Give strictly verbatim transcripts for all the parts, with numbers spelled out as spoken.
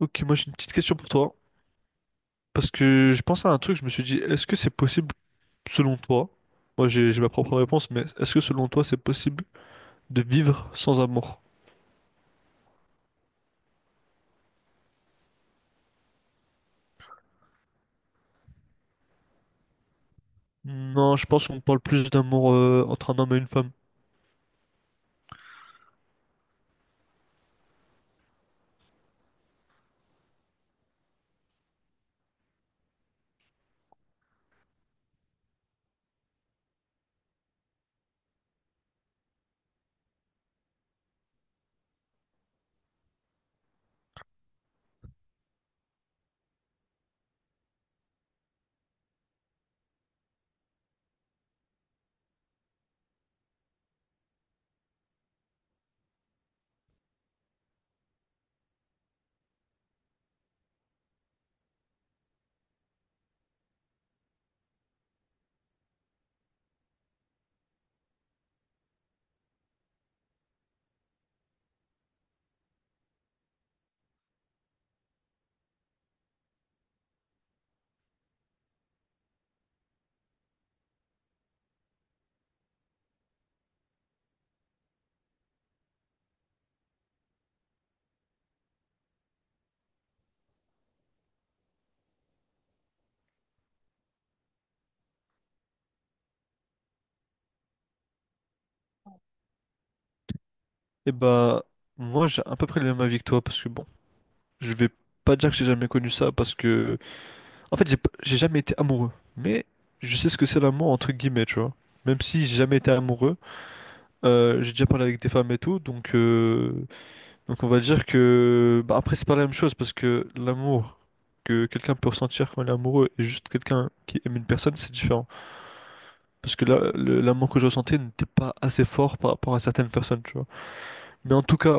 Ok, moi j'ai une petite question pour toi. Parce que je pensais à un truc, je me suis dit, est-ce que c'est possible selon toi? Moi j'ai j'ai ma propre réponse, mais est-ce que selon toi c'est possible de vivre sans amour? Non, je pense qu'on parle plus d'amour euh, entre un homme et une femme. Et bah, moi j'ai à peu près le même avis que toi, parce que bon, je vais pas dire que j'ai jamais connu ça, parce que en fait j'ai p- j'ai jamais été amoureux. Mais je sais ce que c'est l'amour entre guillemets, tu vois. Même si j'ai jamais été amoureux, euh, j'ai déjà parlé avec des femmes et tout, donc. euh, Donc on va dire que bah, après c'est pas la même chose parce que l'amour que quelqu'un peut ressentir quand il est amoureux et juste quelqu'un qui aime une personne c'est différent parce que là le- l'amour que je ressentais n'était pas assez fort par rapport à certaines personnes, tu vois, mais en tout cas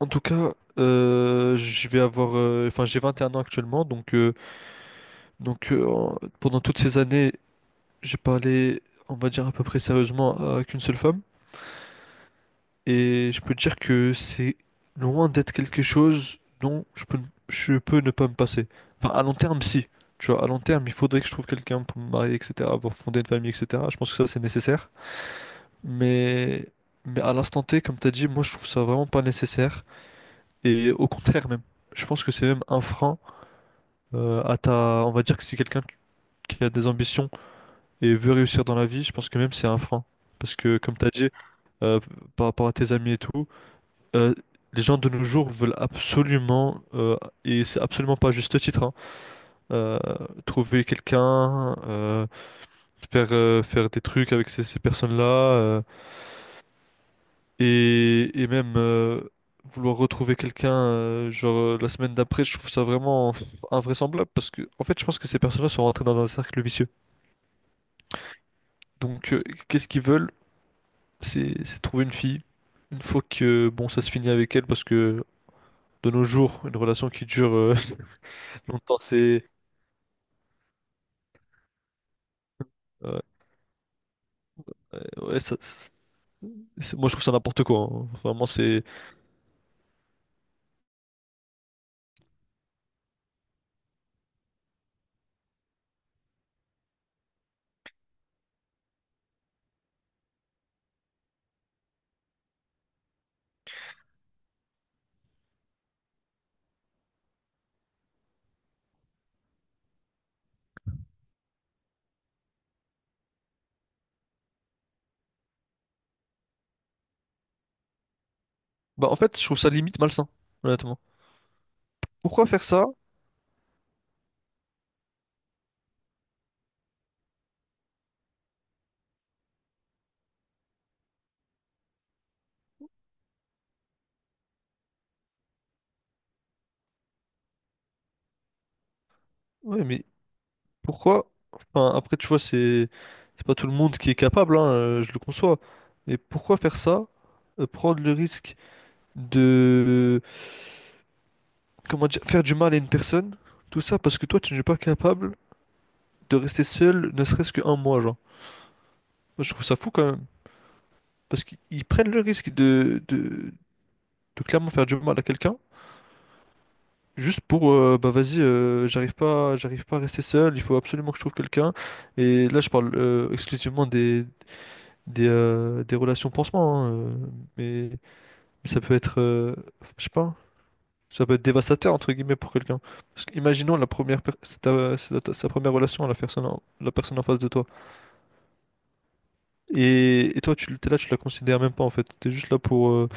en tout cas euh, je vais avoir euh, enfin j'ai vingt et un ans actuellement donc euh, donc euh, en- pendant toutes ces années j'ai parlé on va dire à peu près sérieusement à qu'une seule femme. Et je peux te dire que c'est loin d'être quelque chose dont je peux, je peux ne pas me passer. Enfin, à long terme, si. Tu vois, à long terme, il faudrait que je trouve quelqu'un pour me marier, et cetera, pour fonder une famille, et cetera. Je pense que ça, c'est nécessaire. Mais, mais à l'instant T, comme tu as dit, moi, je trouve ça vraiment pas nécessaire. Et au contraire, même. Je pense que c'est même un frein euh, à ta... On va dire que si quelqu'un qui a des ambitions et veut réussir dans la vie, je pense que même c'est un frein. Parce que, comme tu as dit, euh, par rapport à tes amis et tout. euh, les gens de nos jours veulent absolument, euh, et c'est absolument pas à juste titre, hein, euh, trouver quelqu'un, euh, faire, euh, faire des trucs avec ces, ces personnes-là, euh, et, et même euh, vouloir retrouver quelqu'un, euh, genre euh, la semaine d'après. Je trouve ça vraiment invraisemblable parce que, en fait, je pense que ces personnes-là sont rentrées dans un cercle vicieux. Donc, euh, qu'est-ce qu'ils veulent? C'est, c'est trouver une fille. Une fois que, bon, ça se finit avec elle parce que de nos jours, une relation qui dure euh, longtemps, c'est. euh, Euh, Ouais, ça- c'est- moi je trouve ça n'importe quoi, hein. Vraiment, c'est. Bah, en fait, je trouve ça limite malsain, honnêtement. Pourquoi faire ça? Ouais, mais pourquoi? Enfin, après, tu vois, c'est c'est pas tout le monde qui est capable, hein, euh, je le conçois. Mais pourquoi faire ça? Euh, prendre le risque de. Comment dire? Faire du mal à une personne, tout ça parce que toi, tu n'es pas capable de rester seul, ne serait-ce qu'un mois, genre. Moi, je trouve ça fou quand même. Parce qu'ils ils prennent le risque de, de, de clairement faire du mal à quelqu'un. Juste pour, euh, bah vas-y, euh, j'arrive pas, j'arrive pas à rester seul, il faut absolument que je trouve quelqu'un. Et là, je parle euh, exclusivement des, des, euh, des relations pansement, hein, euh, mais, mais ça peut être, euh, je sais pas, ça peut être dévastateur, entre guillemets, pour quelqu'un. Parce que, imaginons la première, per- c'est ta, c'est ta- sa première relation à la personne, en- la personne en face de toi. Et, et toi, tu, t'es là, tu la considères même pas, en fait. T'es juste là pour, euh,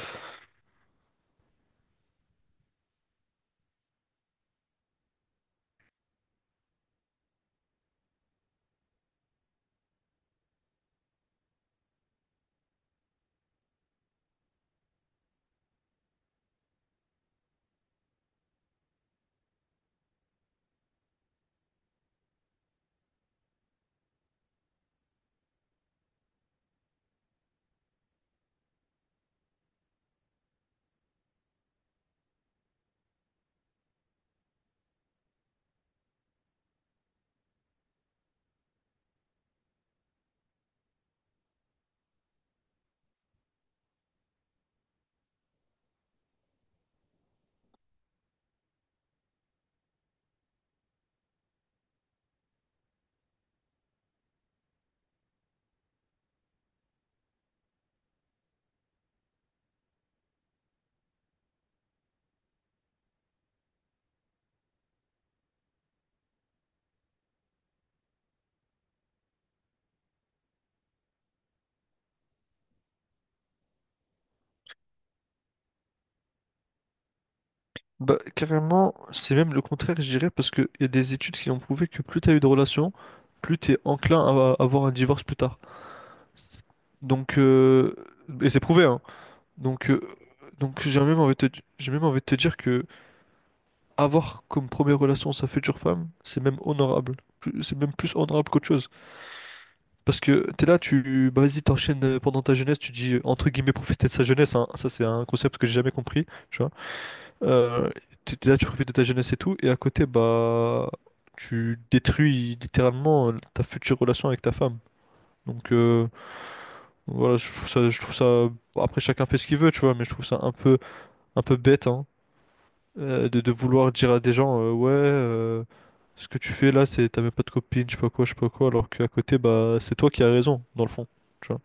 Bah, carrément, c'est même le contraire, je dirais, parce qu'il y a des études qui ont prouvé que plus t'as eu de relations, plus t'es enclin à à avoir un divorce plus tard. Donc, euh, et c'est prouvé, hein. Donc, euh, donc j'ai même envie de te, j'ai même envie de te dire que avoir comme première relation sa future femme, c'est même honorable. Plus- C'est même plus honorable qu'autre chose. Parce que t'es là, tu, bah, vas-y, t'enchaînes euh, pendant ta jeunesse, tu dis, euh, entre guillemets, profiter de sa jeunesse, hein. Ça, c'est un concept que j'ai jamais compris, tu vois. Euh, tu- là, tu profites de ta jeunesse et tout, et à côté, bah, tu détruis littéralement euh, ta future relation avec ta femme. Donc euh, voilà, je trouve ça, je trouve ça. Après, chacun fait ce qu'il veut, tu vois, mais je trouve ça un peu, un peu bête, hein, euh, de, de vouloir dire à des gens, euh, ouais, euh, ce que tu fais là, c'est t'as même pas de copine, je sais pas quoi, je sais pas quoi, alors qu'à côté, bah, c'est toi qui as raison, dans le fond, tu vois.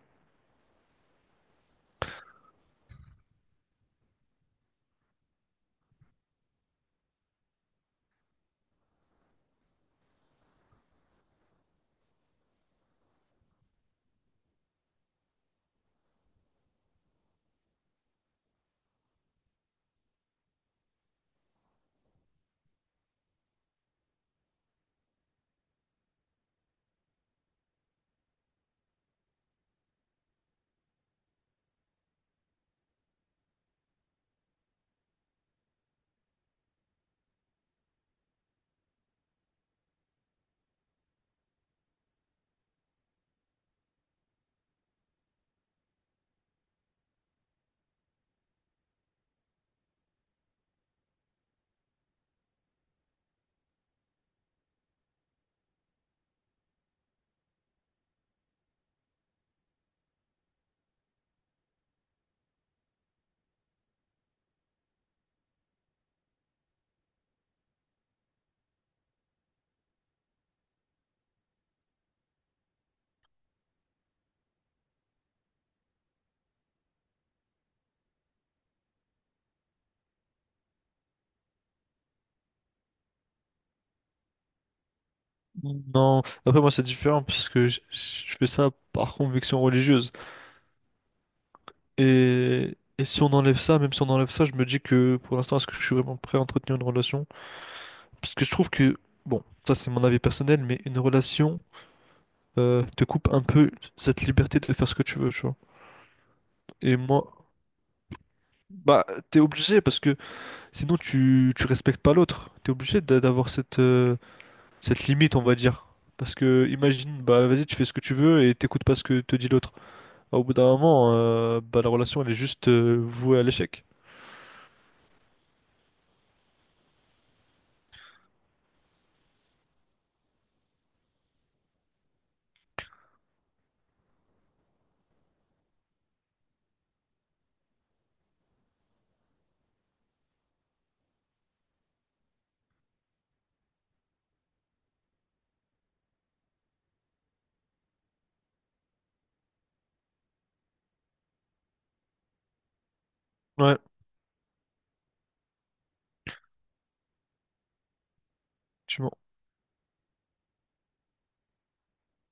Non, après moi c'est différent parce que je je fais ça par conviction religieuse. Et, et si on enlève ça, même si on enlève ça, je me dis que pour l'instant, est-ce que je suis vraiment prêt à entretenir une relation? Parce que je trouve que, bon, ça c'est mon avis personnel, mais une relation euh, te coupe un peu cette liberté de faire ce que tu veux, tu vois. Et moi, bah, t'es obligé parce que sinon tu, tu respectes pas l'autre. T'es obligé d'a- d'avoir cette, euh, cette limite, on va dire. Parce que imagine, bah vas-y, tu fais ce que tu veux et t'écoutes pas ce que te dit l'autre. Bah, au bout d'un moment, euh, bah, la relation elle est juste euh, vouée à l'échec. Ouais, tu